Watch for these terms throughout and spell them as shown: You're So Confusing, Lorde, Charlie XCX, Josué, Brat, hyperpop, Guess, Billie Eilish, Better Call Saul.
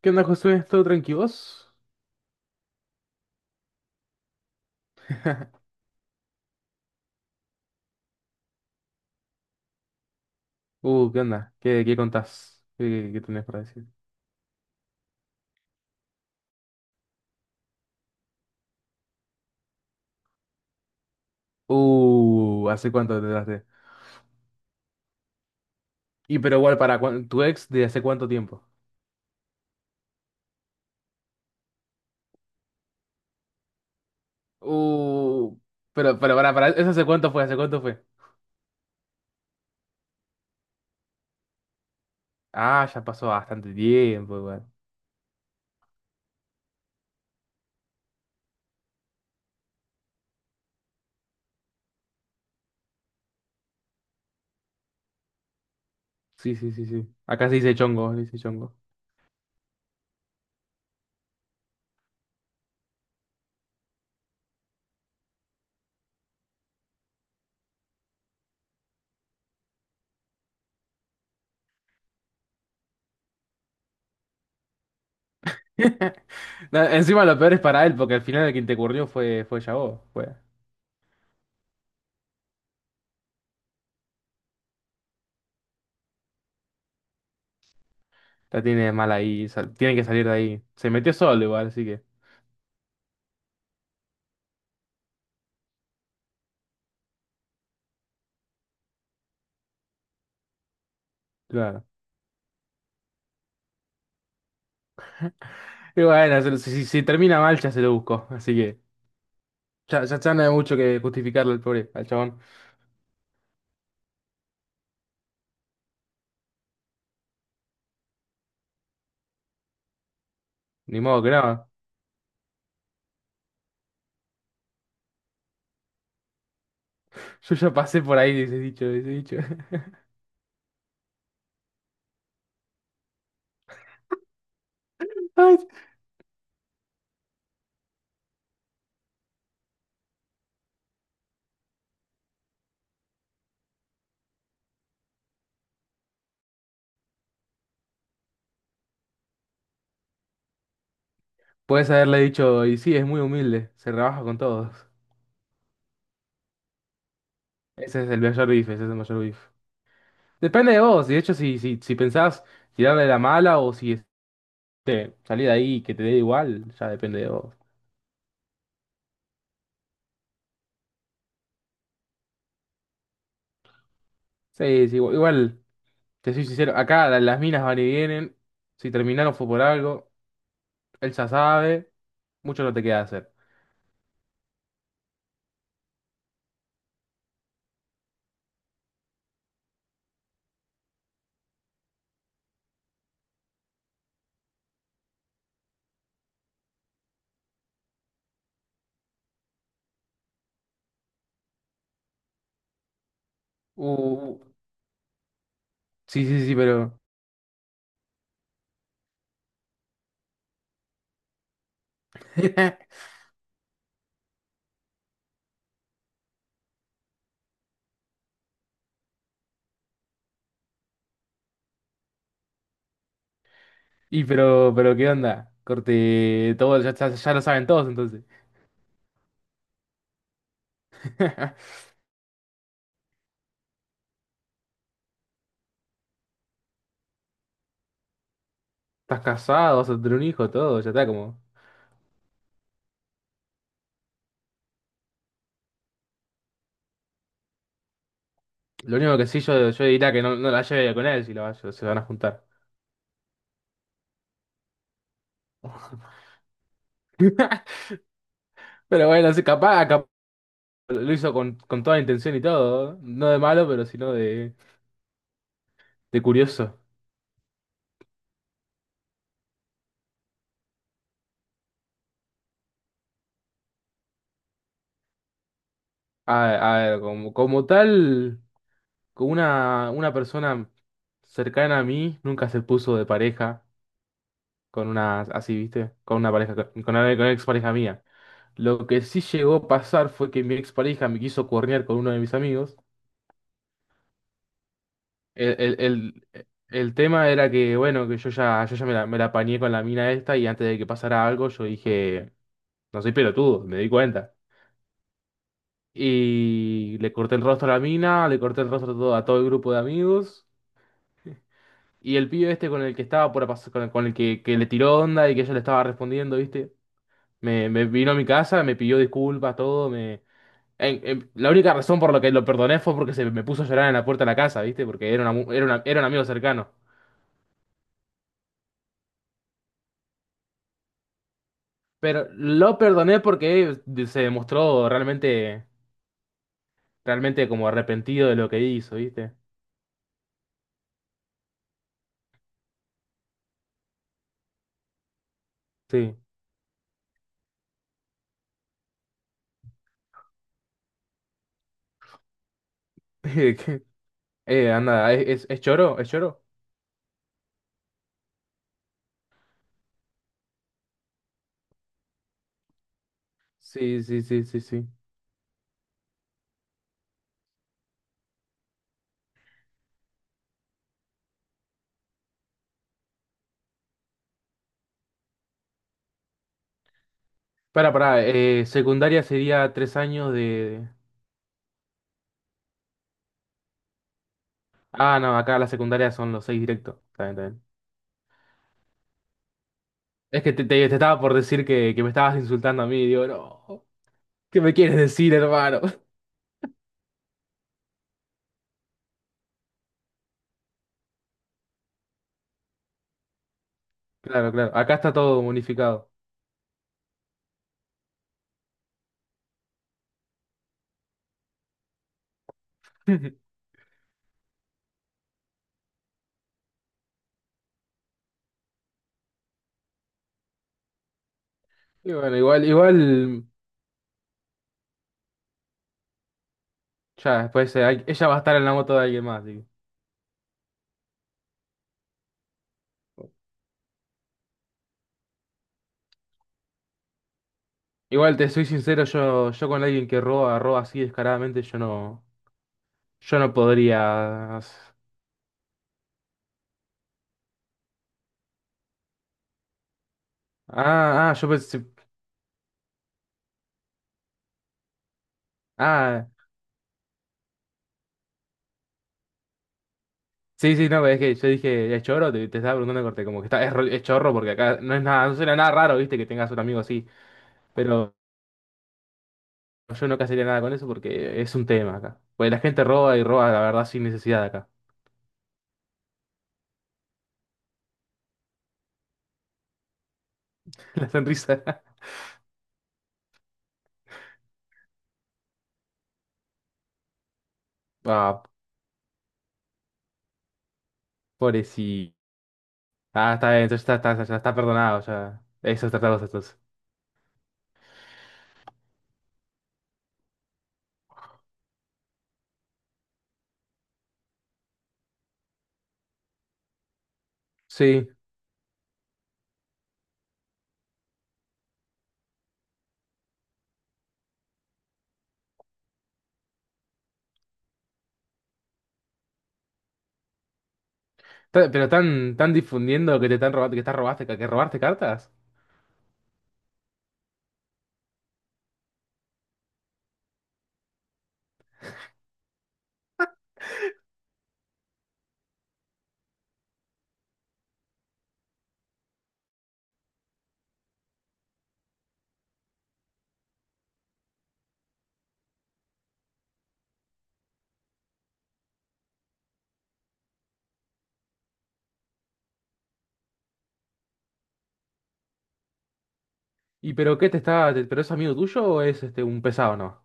¿Qué onda, Josué? ¿Todo tranquilos? ¿Qué onda? ¿Qué contás? ¿Qué tenés para decir? ¿Hace cuánto te traste? Y pero igual, tu ex de hace cuánto tiempo. Uh, pero ¿eso hace cuánto fue? ¿Hace cuánto fue? Ah, ya pasó bastante tiempo, igual. Sí, sí, sí, sí. Acá se dice chongo, se dice chongo. No, encima lo peor es para él, porque al final el que te fue, fue ya vos. Fue. La tiene mal ahí, tiene que salir de ahí. Se metió solo igual, así que. Claro. Y bueno, se lo- si, si termina mal, ya se lo busco. Así que ya, ya, ya no hay mucho que justificarle al pobre, al chabón. Ni modo que no. Yo ya pasé por ahí, dice dicho, dice dicho. Ay, puedes haberle dicho, y sí, es muy humilde, se rebaja con todos. Ese es el mayor beef, ese es el mayor beef. Depende de vos, y de hecho, si pensás tirarle la mala o si salir de ahí y que te dé igual, ya depende de vos. Sí, sí, igual, igual, te soy sincero, acá las minas van y vienen, si terminaron fue por algo, él ya sabe. Mucho no te queda hacer. Uh, sí, sí, sí, pero. Y pero ¿qué onda? Corte, todo, ya, ya, ya lo saben todos entonces. Estás casado, vas a tener un hijo, todo, ya está como. Lo único que sí yo diría que no, no la lleve con él si se van a juntar. Pero bueno, sí, capaz, capaz lo hizo con toda la intención y todo. No de malo, pero sino de curioso. A ver, como tal, con una persona cercana a mí nunca se puso de pareja. Con una, así, ¿viste? Con una pareja, con una expareja mía. Lo que sí llegó a pasar fue que mi expareja me quiso cuernear con uno de mis amigos. El, el, el, el tema era que, bueno, que yo ya me la apañé con la mina esta y antes de que pasara algo yo dije, no soy pelotudo, me di cuenta. Y le corté el rostro a la mina, le corté el rostro a todo, el grupo de amigos. Y el pibe este con el que estaba por pasar, con el que le tiró onda y que ella le estaba respondiendo, ¿viste? Me vino a mi casa, me pidió disculpas, todo, la única razón por la que lo perdoné fue porque se me puso a llorar en la puerta de la casa, ¿viste? Porque era, una mu- era, una- era un amigo cercano. Pero lo perdoné porque se demostró realmente, realmente como arrepentido de lo que hizo, ¿viste? Sí. Anda, ¿es choro? ¿Es choro? Sí, sí, sí, sí, sí. Para secundaria sería 3 años de... Ah, no, acá la secundaria son los 6 directos. Está bien, está bien. Es que te estaba por decir que, me estabas insultando a mí, digo, no, ¿qué me quieres decir, hermano? Claro, claro. Acá está todo unificado. Y bueno, igual, igual, ya después ella va a estar en la moto de alguien más. Igual te soy sincero, yo con alguien que roba, roba así descaradamente, yo no podría. Ah, ah, yo pensé. Ah, sí, sí, no, es que yo dije, es chorro, te estaba preguntando corte, como que está, es chorro porque acá no es nada, no suena nada raro, viste, que tengas un amigo así. Pero yo no casaría nada con eso porque es un tema acá. Pues la gente roba y roba, la verdad, sin necesidad acá. La sonrisa. Ah, pobrecito. Ah, está bien, entonces ya está perdonado, ya. Esos tratados estos. Sí. Pero están difundiendo que te están robando, que robaste cartas. ¿Y pero qué te está, te- pero es amigo tuyo o es este un pesado, no?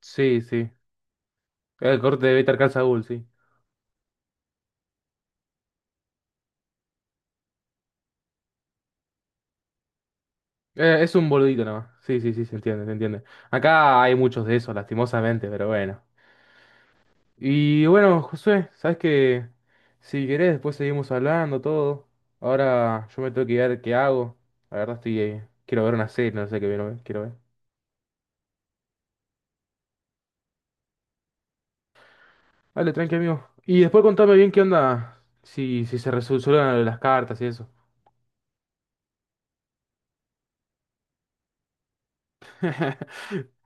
Sí, sí. El corte de Better Call Saul, sí. Es un boludito nomás. Sí, sí, sí, se entiende, se entiende. Acá hay muchos de esos, lastimosamente, pero bueno. Y bueno, Josué, sabes que si querés después seguimos hablando todo. Ahora yo me tengo que ver qué hago. La verdad estoy, quiero ver una serie, no sé qué quiero ver, quiero ver. Dale, tranqui, amigo. Y después contame bien qué onda, si se resuelven las cartas y eso.